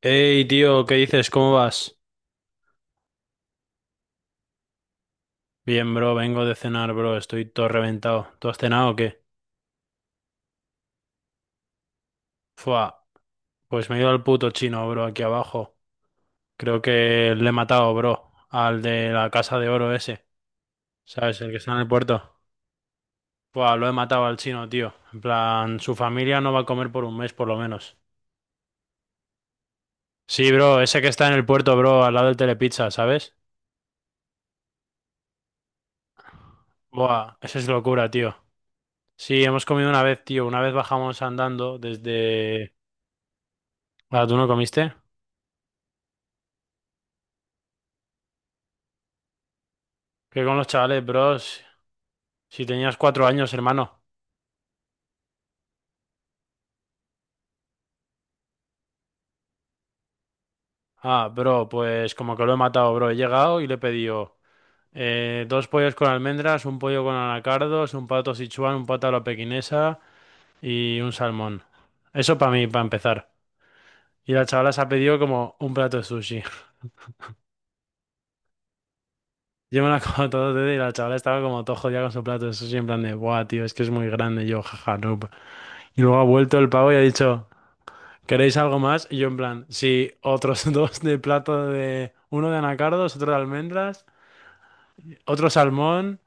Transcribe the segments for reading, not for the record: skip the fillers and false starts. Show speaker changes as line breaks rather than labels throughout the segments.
Hey, tío, ¿qué dices? ¿Cómo vas? Bien, bro, vengo de cenar, bro, estoy todo reventado. ¿Tú has cenado o qué? Fua, pues me he ido al puto chino, bro, aquí abajo. Creo que le he matado, bro, al de la casa de oro ese, ¿sabes? El que está en el puerto. Fua, lo he matado al chino, tío. En plan, su familia no va a comer por un mes, por lo menos. Sí, bro, ese que está en el puerto, bro, al lado del Telepizza, ¿sabes? Buah, esa es locura, tío. Sí, hemos comido una vez, tío. Una vez bajamos andando desde... Ah, ¿tú no comiste? Que con los chavales, bros. Si tenías 4 años, hermano. Ah, bro, pues como que lo he matado, bro. He llegado y le he pedido dos pollos con almendras, un pollo con anacardos, un pato sichuan, un pato a la pequinesa y un salmón. Eso para mí, para empezar. Y la chavala se ha pedido como un plato de sushi. Yo me la como todo desde y la chavala estaba como todo jodida con su plato de sushi en plan de, buah, tío, es que es muy grande. Y yo, jaja, no. Y luego ha vuelto el pavo y ha dicho. ¿Queréis algo más? Y yo en plan, sí, otros dos de plato de... Uno de anacardos, otro de almendras, otro salmón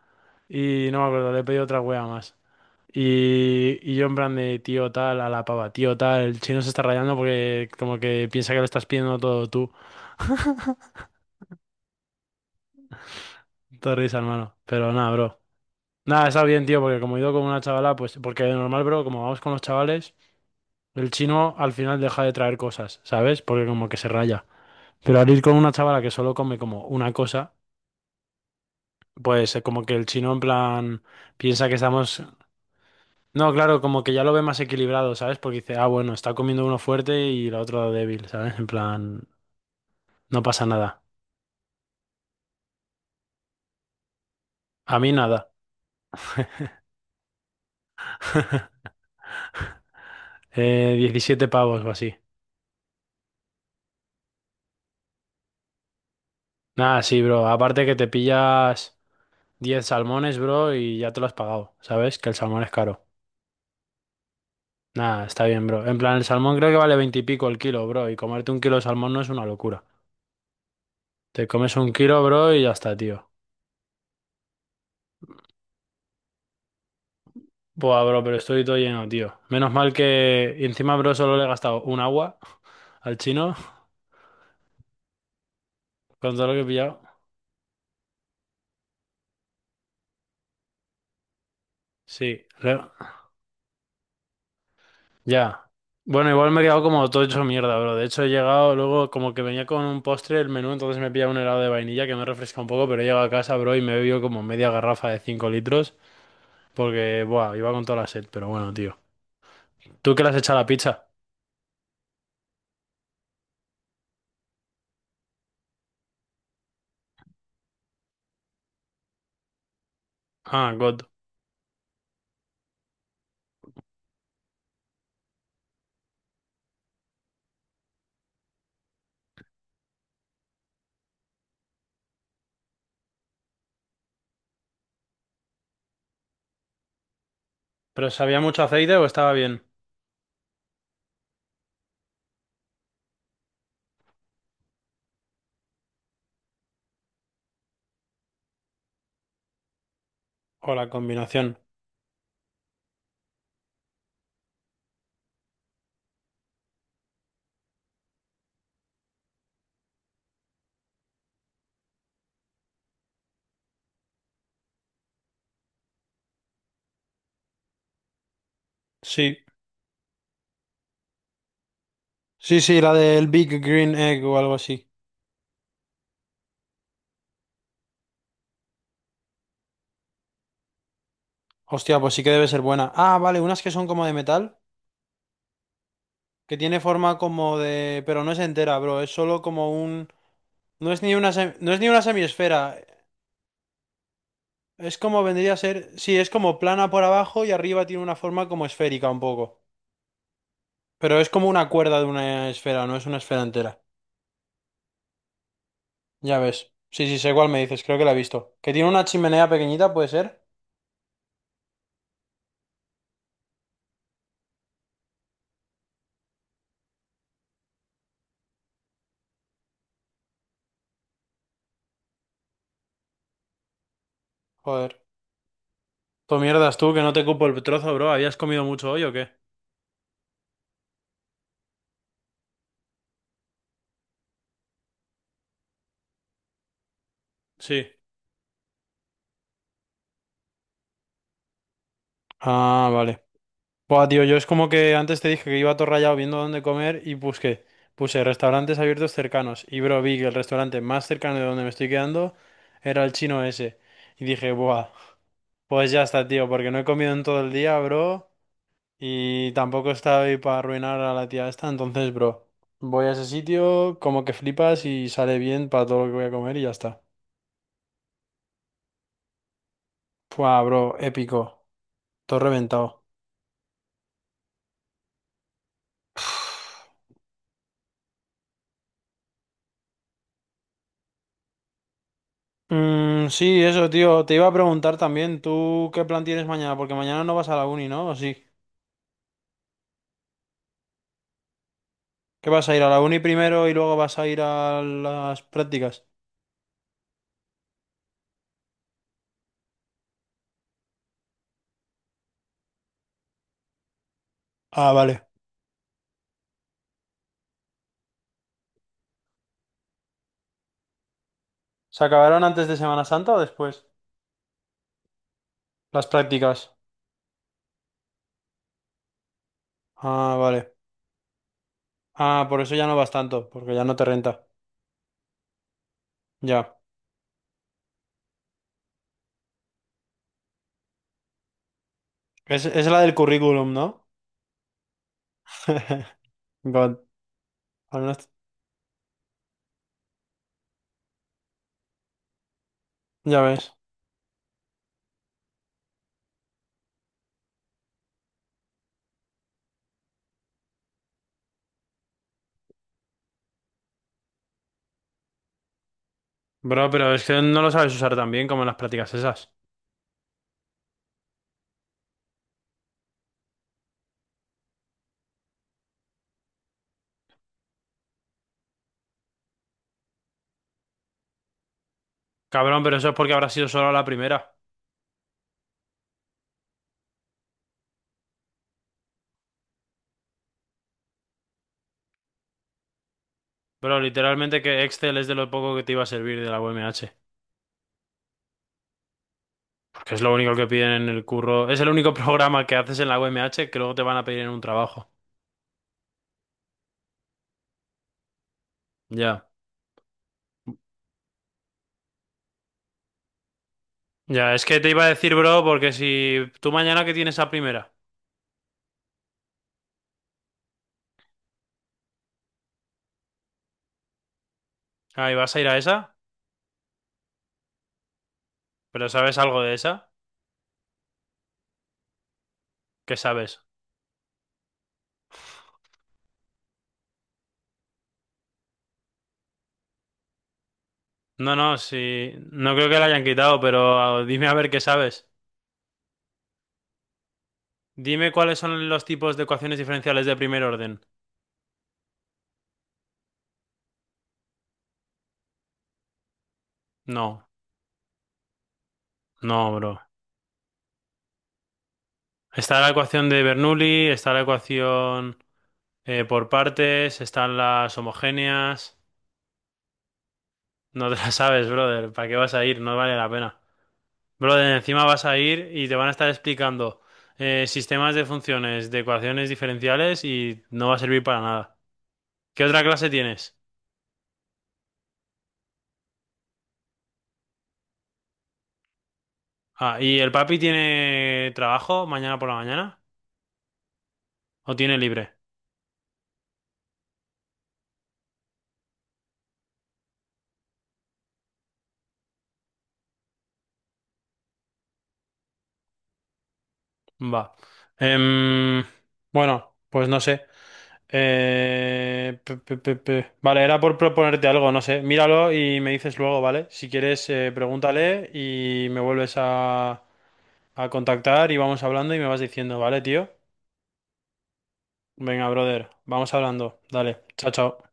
y no me acuerdo, le he pedido otra wea más. Y yo en plan de tío tal a la pava, tío tal, el chino se está rayando porque como que piensa que lo estás pidiendo todo tú. Te risa, hermano. Pero nada, bro. Nada, está bien, tío, porque como he ido con una chavala, pues porque de normal, bro, como vamos con los chavales, el chino al final deja de traer cosas, ¿sabes? Porque como que se raya. Pero al ir con una chavala que solo come como una cosa. Pues como que el chino en plan piensa que estamos... No, claro, como que ya lo ve más equilibrado, ¿sabes? Porque dice, ah, bueno, está comiendo uno fuerte y la otra débil, ¿sabes? En plan, no pasa nada. A mí nada. 17 pavos o así. Nada, sí, bro. Aparte que te pillas 10 salmones, bro, y ya te lo has pagado, ¿sabes? Que el salmón es caro. Nada, está bien, bro. En plan, el salmón creo que vale 20 y pico el kilo, bro. Y comerte un kilo de salmón no es una locura. Te comes un kilo, bro, y ya está, tío. Buah, bro, pero estoy todo lleno, tío. Menos mal que y encima, bro, solo le he gastado un agua al chino con todo lo que he pillado. Sí, le- ya. Bueno, igual me he quedado como todo hecho mierda, bro. De hecho, he llegado luego como que venía con un postre el menú, entonces me he pillado un helado de vainilla que me refresca un poco, pero he llegado a casa, bro, y me he bebido como media garrafa de 5 litros porque, buah, iba con toda la sed, pero bueno, tío. ¿Tú qué le has echado a la pizza? Ah, God. ¿Pero sabía mucho aceite o estaba bien? O la combinación. Sí. Sí, sí, la del Big Green Egg o algo así. Hostia, pues sí que debe ser buena. Ah, vale, unas que son como de metal, que tiene forma como de... Pero no es entera, bro, es solo como un... No es ni una sem- no es ni una semiesfera. Es como vendría a ser. Sí, es como plana por abajo y arriba tiene una forma como esférica un poco. Pero es como una cuerda de una esfera, no es una esfera entera. Ya ves. Sí, sí, sé cuál me dices, creo que la he visto. Que tiene una chimenea pequeñita, ¿puede ser? Joder. Tú mierdas tú, que no te cupo el trozo, bro. ¿Habías comido mucho hoy o qué? Sí. Ah, vale. Buah, tío, yo es como que antes te dije que iba todo rayado viendo dónde comer y busqué. Puse restaurantes abiertos cercanos y bro, vi que el restaurante más cercano de donde me estoy quedando era el chino ese. Y dije, buah, pues ya está, tío, porque no he comido en todo el día, bro, y tampoco estaba ahí para arruinar a la tía esta, entonces, bro, voy a ese sitio, como que flipas y sale bien para todo lo que voy a comer y ya está. Buah, bro, épico, todo reventado. Mm, sí, eso, tío. Te iba a preguntar también, ¿tú qué plan tienes mañana? Porque mañana no vas a la uni, ¿no? ¿O sí? ¿Qué vas a ir a la uni primero y luego vas a ir a las prácticas? Ah, vale. ¿Se acabaron antes de Semana Santa o después? Las prácticas. Ah, vale. Ah, por eso ya no vas tanto, porque ya no te renta. Ya. Es la del currículum, ¿no? God. Honest. Ya ves. Bro, pero es que no lo sabes usar tan bien como en las prácticas esas. Cabrón, pero eso es porque habrá sido solo la primera. Pero literalmente que Excel es de lo poco que te iba a servir de la UMH, porque es lo único que piden en el curro, es el único programa que haces en la UMH que luego te van a pedir en un trabajo. Ya. Ya, es que te iba a decir, bro, porque si tú mañana que tienes a primera, ahí vas a ir a esa, pero ¿sabes algo de esa? ¿Qué sabes? No, no, si no creo que la hayan quitado, pero ah, dime a ver qué sabes. Dime cuáles son los tipos de ecuaciones diferenciales de primer orden. No, no, bro. Está la ecuación de Bernoulli, está la ecuación. Por partes están las homogéneas. No te las sabes, brother. ¿Para qué vas a ir? No vale la pena. Brother, encima vas a ir y te van a estar explicando sistemas de funciones, de ecuaciones diferenciales y no va a servir para nada. ¿Qué otra clase tienes? Ah, ¿y el papi tiene trabajo mañana por la mañana? ¿O tiene libre? Va. Em, bueno, pues no sé. Pe- pe- pe- pe. Vale, era por proponerte algo, no sé. Míralo y me dices luego, ¿vale? Si quieres, pregúntale y me vuelves a contactar y vamos hablando y me vas diciendo, ¿vale, tío? Venga, brother, vamos hablando. Dale, chao, chao.